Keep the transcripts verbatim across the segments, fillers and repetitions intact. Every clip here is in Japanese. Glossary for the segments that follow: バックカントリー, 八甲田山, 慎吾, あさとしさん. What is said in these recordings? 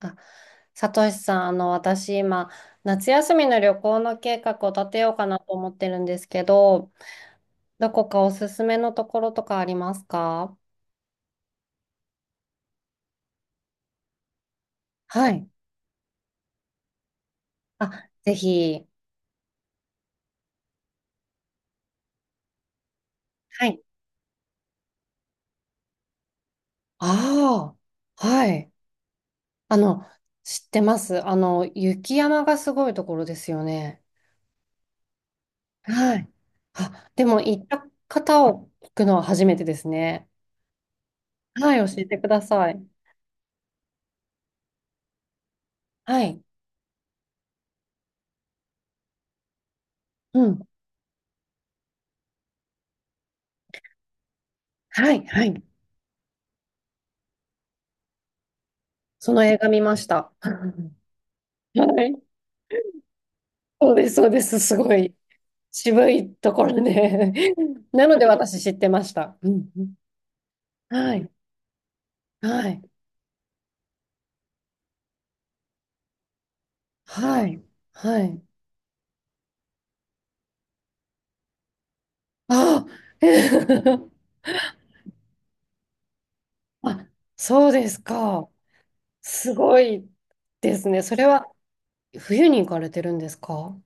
あさとしさん、あの、私今、夏休みの旅行の計画を立てようかなと思ってるんですけど、どこかおすすめのところとかありますか？はい。あ、ぜひ。はい。ああ、はい。あの、知ってます。あの、雪山がすごいところですよね。はい。あ、でも行った方を聞くのは初めてですね。はい、教えてください。はい。うん。はい、はい。その映画見ました。はい。そうです、そうです。すごい渋いところで なので私知ってました。うんうん。はい。はい。はい。はい。あ、あ、そうですか。すごいですね。それは冬に行かれてるんですか？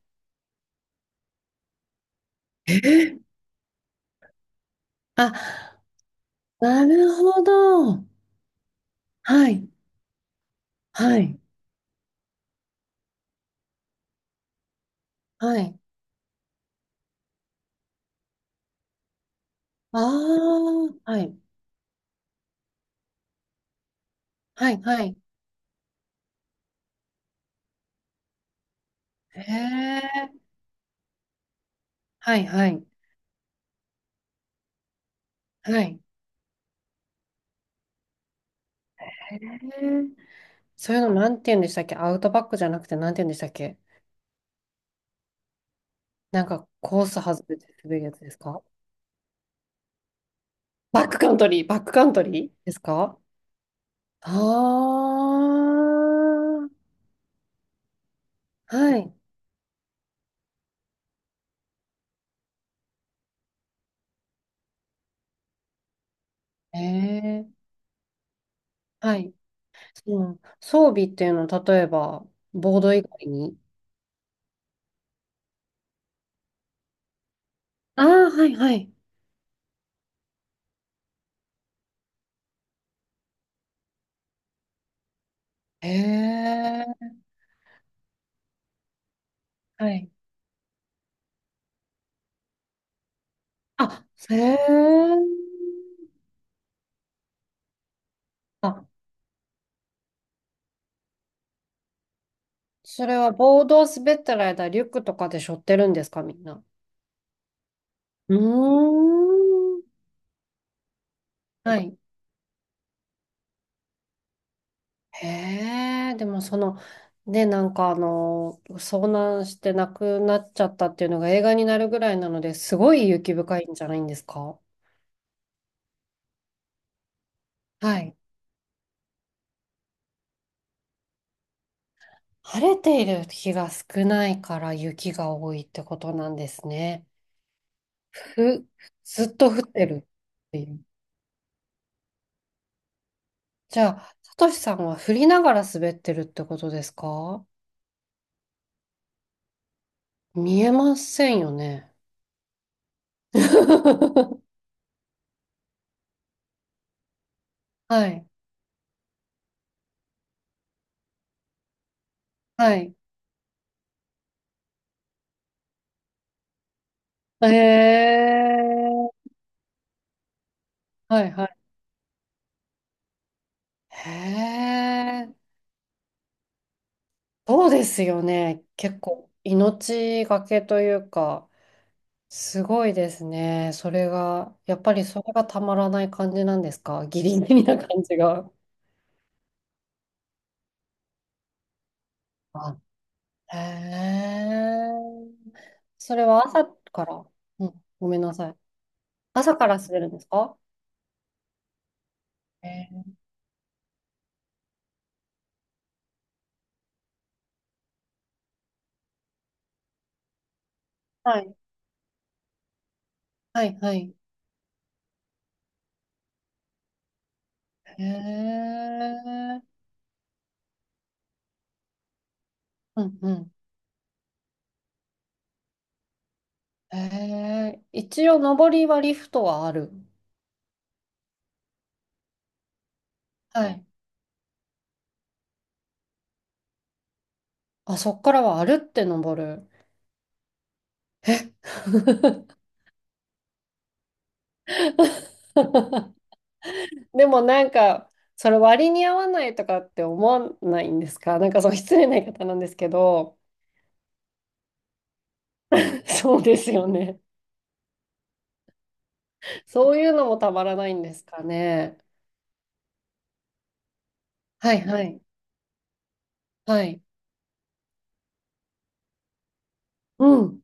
え。あ、なるほど。はい。はい。はい。ああ、はい。はい。はい。へえ。はい。はい。はい。へえ。そういうのなんて言うんでしたっけ？アウトバックじゃなくてなんて言うんでしたっけ？なんかコース外れて滑るやつですか？バックカントリー、バックカントリーですか？ああー、はい。ええ、はい。うん。装備っていうのは、例えば、ボード以外に。ああ、はいはい。ええ、はい。あ、へえ。あ、それはボードを滑ってる間、リュックとかで背負ってるんですか、みんな。うーん。はい。へえ、でもその、ね、なんかあの、遭難して亡くなっちゃったっていうのが映画になるぐらいなので、すごい雪深いんじゃないんですか？はい。晴れている日が少ないから雪が多いってことなんですね。ふ、ずっと降ってるっていう。じゃあ、さとしさんは降りながら滑ってるってことですか？見えませんよね。はい。はい。へえ。はいはい。へえ、そうですよね。結構命がけというか、すごいですね。それが、やっぱりそれがたまらない感じなんですか？ギリギリな感じが。あ、へえ。それは朝から、うん、ごめんなさい。朝からするんですか？へえ。はい、はい、はい。へえ。うん、うん。へえ。一応、上りはリフトはある。はい。あ、そっからは歩って登る。え。 でもなんか、それ割に合わないとかって思わないんですか？なんかその失礼な言い方なんですけど、そうですよね。そういうのもたまらないんですかね。はいはい。はい。うん。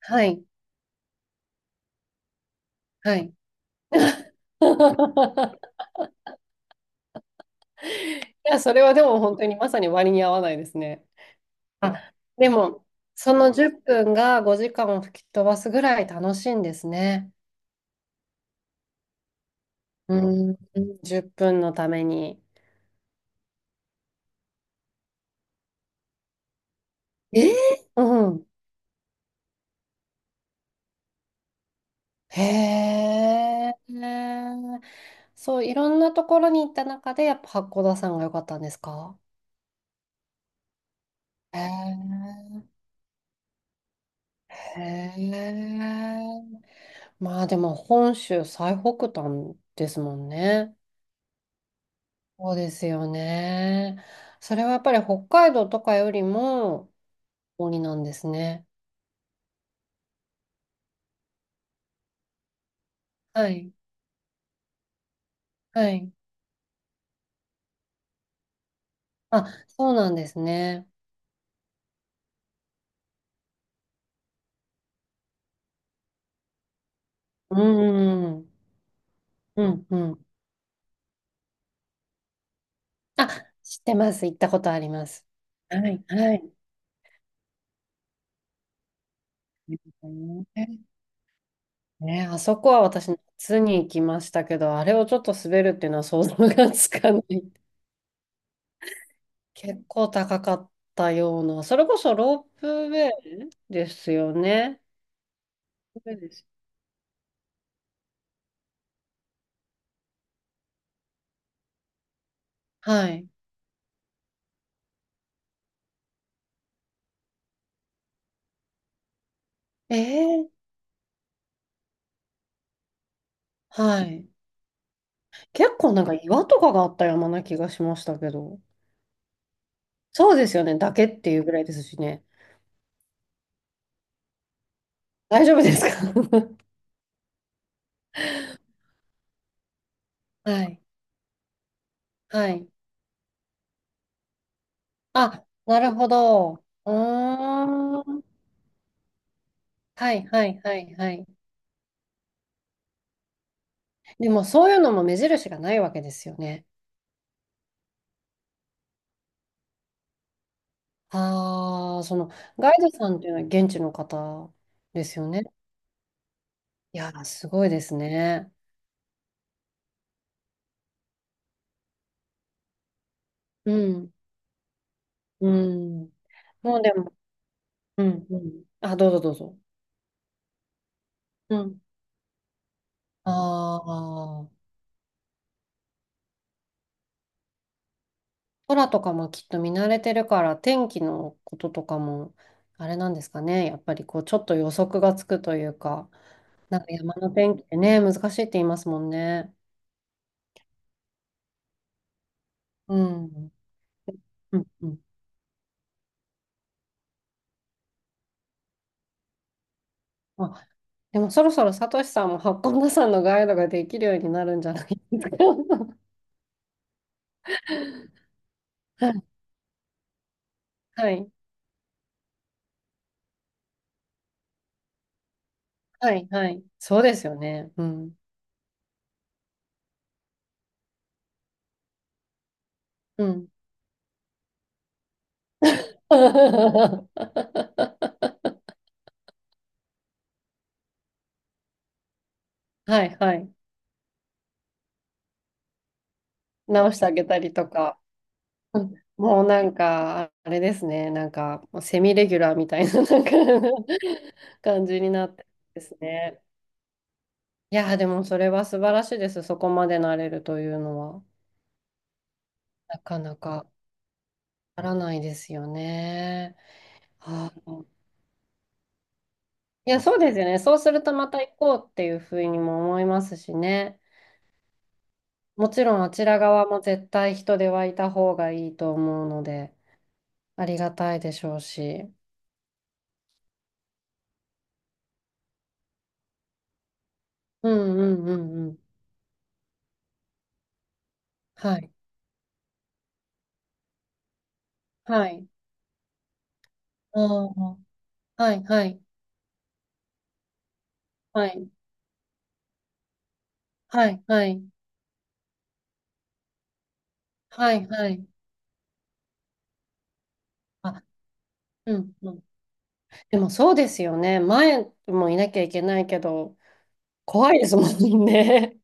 はい。はい。いや、それはでも本当にまさに割に合わないですね。あ、でも、そのじゅっぷんがごじかんを吹き飛ばすぐらい楽しいんですね。うん、じゅっぷんのために。えーうん。へえ。そう、いろんなところに行った中で、やっぱ八甲田山が良かったんですか？へえ。へえ。まあでも、本州最北端ですもんね。そうですよね。それはやっぱり北海道とかよりも、鬼なんですね。はい。はい。あ、そうなんですね。うん。うん、うん。あ、知ってます。行ったことあります。はい、はい。ね、あそこは私、夏に行きましたけど、あれをちょっと滑るっていうのは想像がつかない。結構高かったような、それこそロープウェイですよね。ロープウェイです。はい。ええ、はい。結構なんか岩とかがあった山な気がしましたけど。そうですよね。だけっていうぐらいですしね。大丈夫ですか？ はい。はい。あ、なるほど。うーん。はいはいはいはい。でもそういうのも目印がないわけですよね。ああ、そのガイドさんっていうのは現地の方ですよね。いやー、すごいですね。うん。うん。もうでも、うん、うん。あ、どうぞどうぞ。うん。ああ、空とかもきっと見慣れてるから、天気のこととかも、あれなんですかね。やっぱりこう、ちょっと予測がつくというか。なんか山の天気ってね、難しいって言いますもんね。うん。うんうん。あ、でもそろそろサトシさんも八甲田山のガイドができるようになるんじゃないですか。はい。はい。はい。そうですよね。うん。うん。はいはい。直してあげたりとか。うん。もうなんか、あれですね。なんか、セミレギュラーみたいな、なんか 感じになってですね。いやー、でもそれは素晴らしいです。そこまでなれるというのは。なかなかならないですよね。はあ、いや、そうですよね。そうするとまた行こうっていうふうにも思いますしね。もちろんあちら側も絶対人手はいた方がいいと思うので、ありがたいでしょうし。うんうんうんうん。はい。はい。ああ、はいはい。はい。はいはい。はいはい。あ、うんうん。でもそうですよね。前もいなきゃいけないけど、怖いですもんね。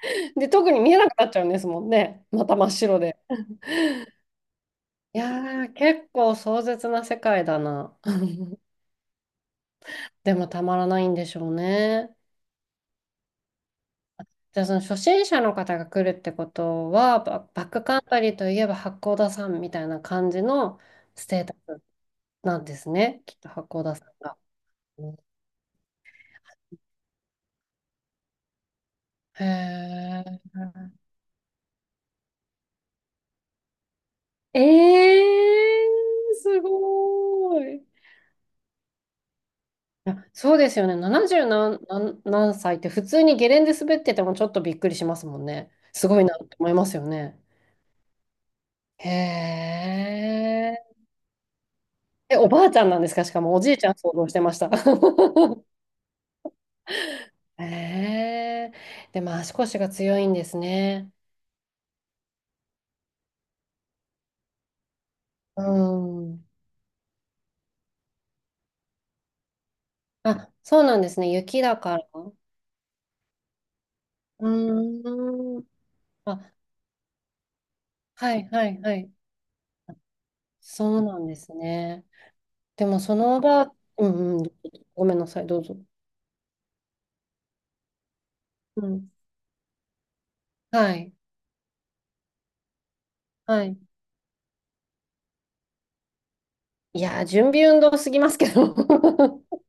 で、特に見えなくなっちゃうんですもんね。また真っ白で。いやー、結構壮絶な世界だな。でもたまらないんでしょうね。じゃあその初心者の方が来るってことは、バ、バックカントリーといえば八甲田山みたいな感じのステータスなんですね。きっと八甲田山が。うん。へー。えー、すごーい。いや、そうですよね。ななじゅう何、何、何歳って普通にゲレンデ滑っててもちょっとびっくりしますもんね。すごいなって思いますよね。へえ。え、おばあちゃんなんですか？しかもおじいちゃん想像してました。へえ。でも足腰が強いんですね。うん。あ、そうなんですね。雪だから。うーん。あ、はいはいはい。そうなんですね。でもそのおばあ、うんうん。ごめんなさい、どうぞ。うん。はい。はい。いやー、準備運動すぎますけど。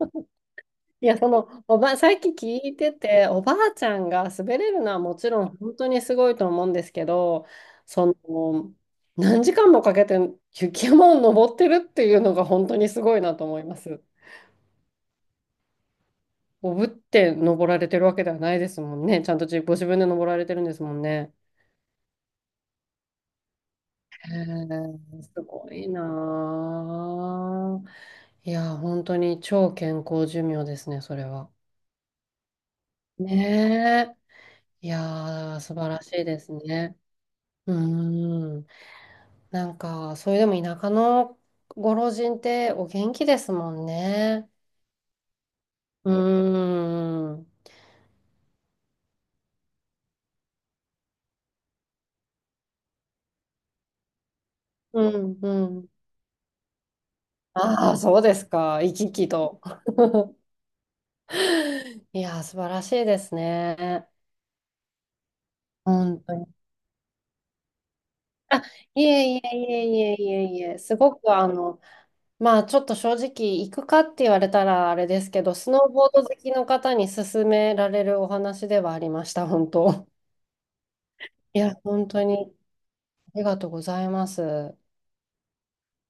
いや、その、おば、さっき聞いてて、おばあちゃんが滑れるのはもちろん本当にすごいと思うんですけど、その、何時間もかけて雪山を登ってるっていうのが本当にすごいなと思います。おぶって登られてるわけではないですもんね。ちゃんと自ご自分で登られてるんですもんね。へーすごいなー。いやー、本当に超健康寿命ですね、それは。ねえ。いやー、素晴らしいですね。うーん。なんか、それでも田舎のご老人ってお元気ですもんね。うーん。うん、うん。ああ、そうですか。生き生きと。いやー、素晴らしいですね。本当に。あ、いえいえいえいえいえいえ、すごくあの、まあちょっと正直、行くかって言われたらあれですけど、スノーボード好きの方に勧められるお話ではありました、本当。いや、本当にありがとうございます。